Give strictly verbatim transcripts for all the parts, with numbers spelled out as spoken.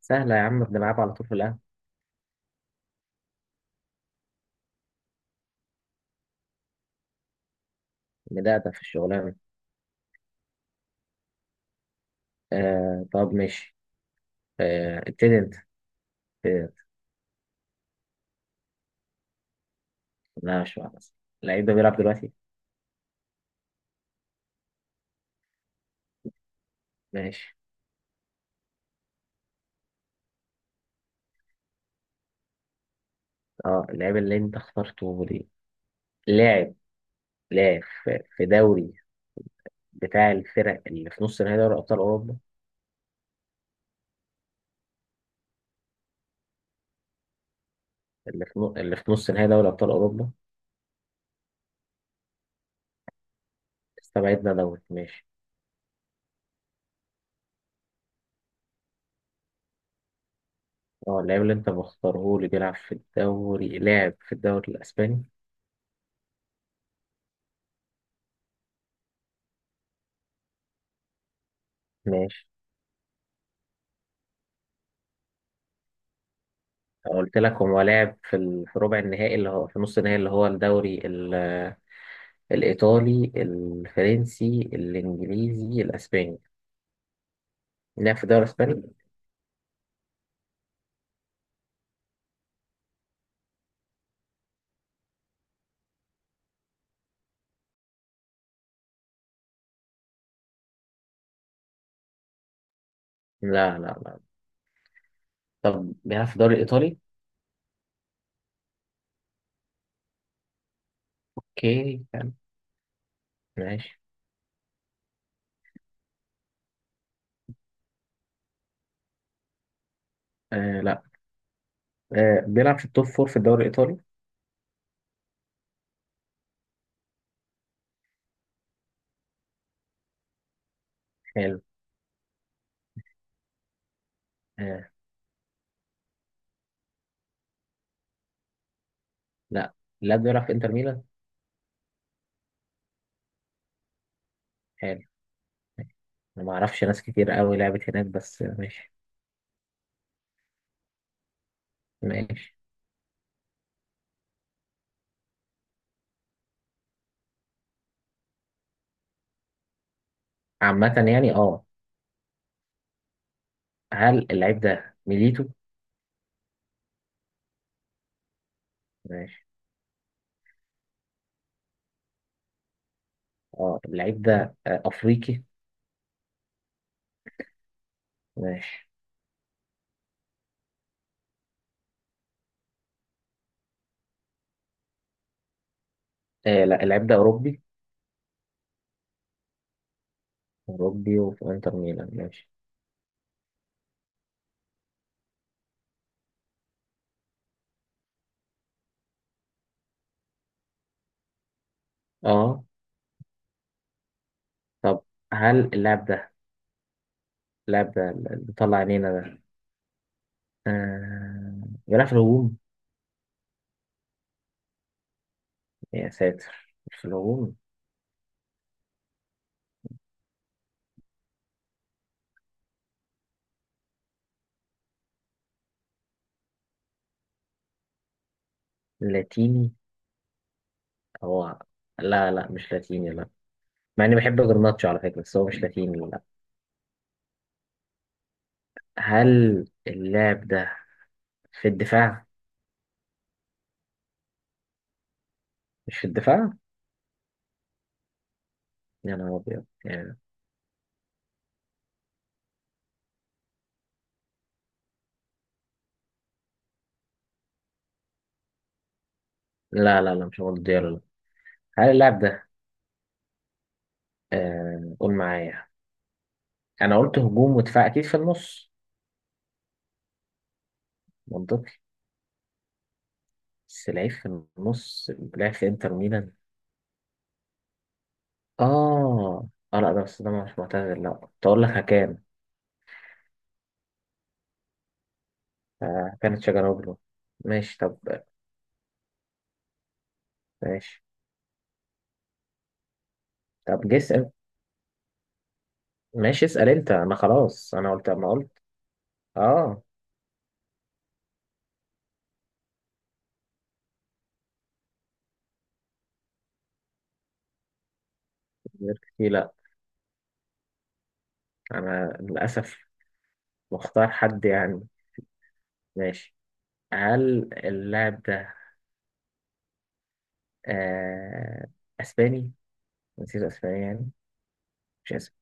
سهلة يا عم، بنلعب على طول في القهوة. ندقدق في الشغلانة. آه طب ماشي، آه ابتدي انت. ابتدي انت. لا مش معنى، اللعيب ده بيلعب دلوقتي. ماشي. اه اللعيب اللي انت اخترته ليه لاعب، لاعب في في دوري بتاع الفرق اللي في نص نهائي دوري ابطال اوروبا. اللي في نو... اللي في نص نهائي دوري ابطال اوروبا. استبعدنا دوري، ماشي. اه اللاعب اللي انت مختاره لي بيلعب في الدوري، لاعب في الدوري الاسباني؟ ماشي. قلت لك هو لعب في ال- في ربع النهائي اللي هو في نص النهائي، اللي هو الدوري ال- الإيطالي الفرنسي الإنجليزي الأسباني. لعب في الدوري الأسباني؟ لا لا لا. طب بيلعب في الدوري الإيطالي؟ أوكي حلو. ماشي. آه لا، آه بيلعب في التوب فور في الدوري الإيطالي؟ حلو. آه لا، لا بيلعب في إنتر ميلان؟ حلو. أنا ما أعرفش ناس كتير قوي لعبت هناك بس ماشي. ماشي. عامة يعني أه. هل اللعيب ده ميليتو؟ ماشي. اه اللعيب ده آه، افريقي. ماشي. آه لا، اللعيب ده اوروبي. اوروبي وفي انتر ميلان، ماشي. اه طب هل اللاعب ده، اللاعب ده اللي طلع عينينا ده، آه بيلعب في الهجوم؟ يا ساتر مش في الهجوم. لاتيني؟ هو لا لا، مش لاتيني لا. مع اني بحب جرناتشو على فكرة بس هو مش لاتيني لا. هل اللاعب ده في الدفاع؟ مش في الدفاع. يا نهار ابيض يعني. لا لا لا مش هو ديالو لا. هل اللاعب ده، آه قول معايا، انا قلت هجوم ودفاع اكيد في النص. منطقي. بس لعيب في النص، لعب في انتر ميلان، اه. اه لا ده بس، ده مش معتذر لا، كنت اقول لك هكان آه، كانت شجراوجلو. ماشي طب. ماشي. طب جس. ماشي اسأل انت، انا خلاص انا قلت ما قلت. اه. غير كتير لا، انا للاسف مختار حد يعني. ماشي. هل اللاعب ده، آه اسباني؟ نسيت اسباني يعني. مش اسباني.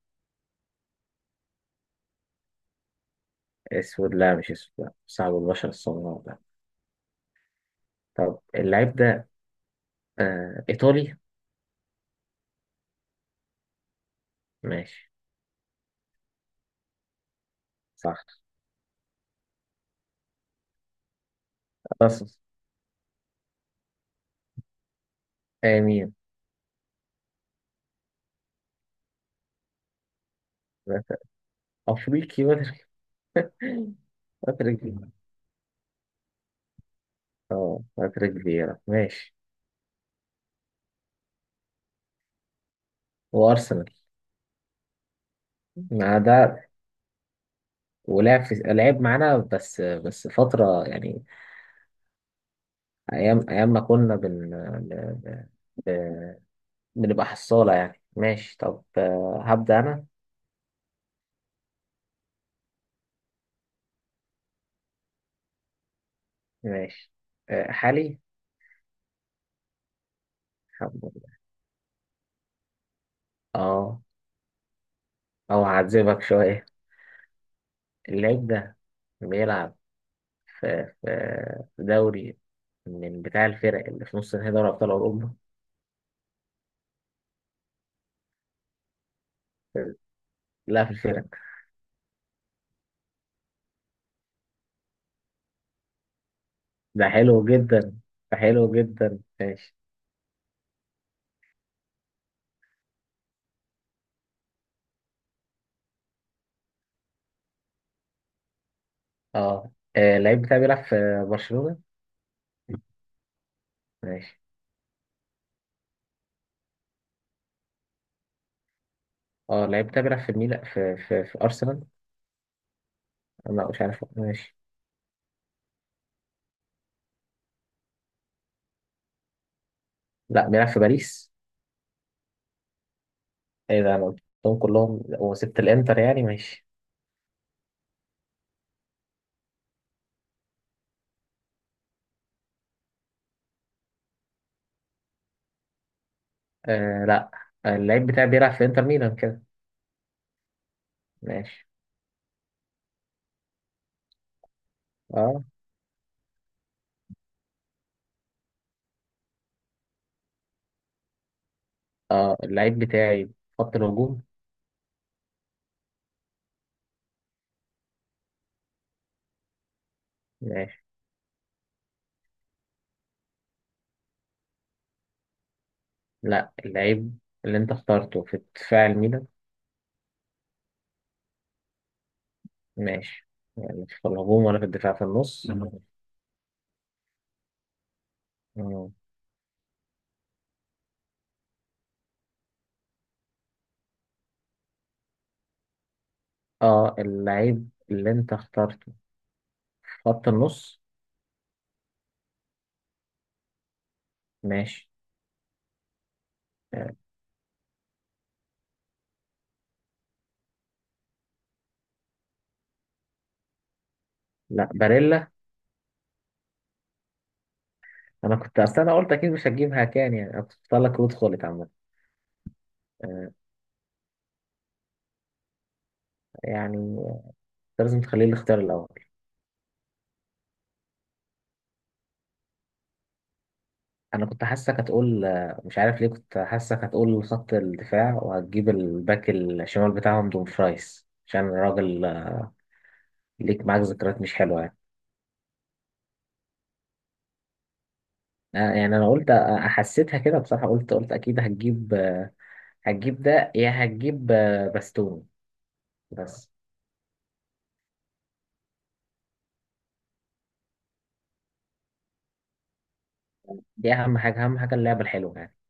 اسود؟ لا مش اسود لا، صعب البشرة السمراء لا. طب اللعيب ده آه إيطالي؟ ماشي. صح. خلاص. آه مين؟ أفريقي باتريك؟ باتريك فيرا. اه باتريك فيرا ماشي. وأرسنال. مع ده، ولعب في، لعب معانا بس بس فترة يعني. أيام أيام ما كنا بن ب- ب- بنبقى حصالة يعني. ماشي طب، آه، هبدأ أنا. ماشي. آه، حالي. حب- اه. أو هعذبك شوية. اللعيب ده بيلعب في في في دوري من بتاع الفرق اللي في نص نهائي دوري أبطال أوروبا. لا في الفرق. ده حلو جدا، ده حلو جدا ماشي. اه، آه، اللعيب بتاعي بيلعب في برشلونة. ماشي. اه اللعيب بتاعي بيلعب في ميلان، في في في أرسنال. لا مش عارف ماشي. لا بيلعب في باريس. ايه ده، انا قلتهم كلهم وسبت الانتر يعني. ماشي. آه لا، آه، اللعيب بتاعي بيلعب في انتر ميلان كده. ماشي. اه. اه اللعيب بتاعي في خط الهجوم. ماشي. لا اللعيب اللي انت اخترته في دفاع الميلان. ماشي. يعني في الهجوم ولا في الدفاع في النص. مم. مم. اه اللعيب اللي انت اخترته في خط النص. ماشي. آه. لا باريلا. انا كنت اصل، انا قلت اكيد مش هتجيبها كان، يعني انا كنت اختار لك رود خولت عامة. آه. يعني انت لازم تخليه الاختيار الاول. انا كنت حاسسك هتقول، آه، مش عارف ليه كنت حاسسك هتقول خط الدفاع وهتجيب الباك الشمال بتاعهم دومفرايس، عشان الراجل آه، ليك معاك ذكريات مش حلوة يعني. آه، يعني انا قلت، حسيتها كده بصراحة، قلت قلت اكيد هتجيب، هتجيب ده يا هتجيب باستوني بس. دي اهم حاجة، اهم حاجة اللعبة الحلوة يعني.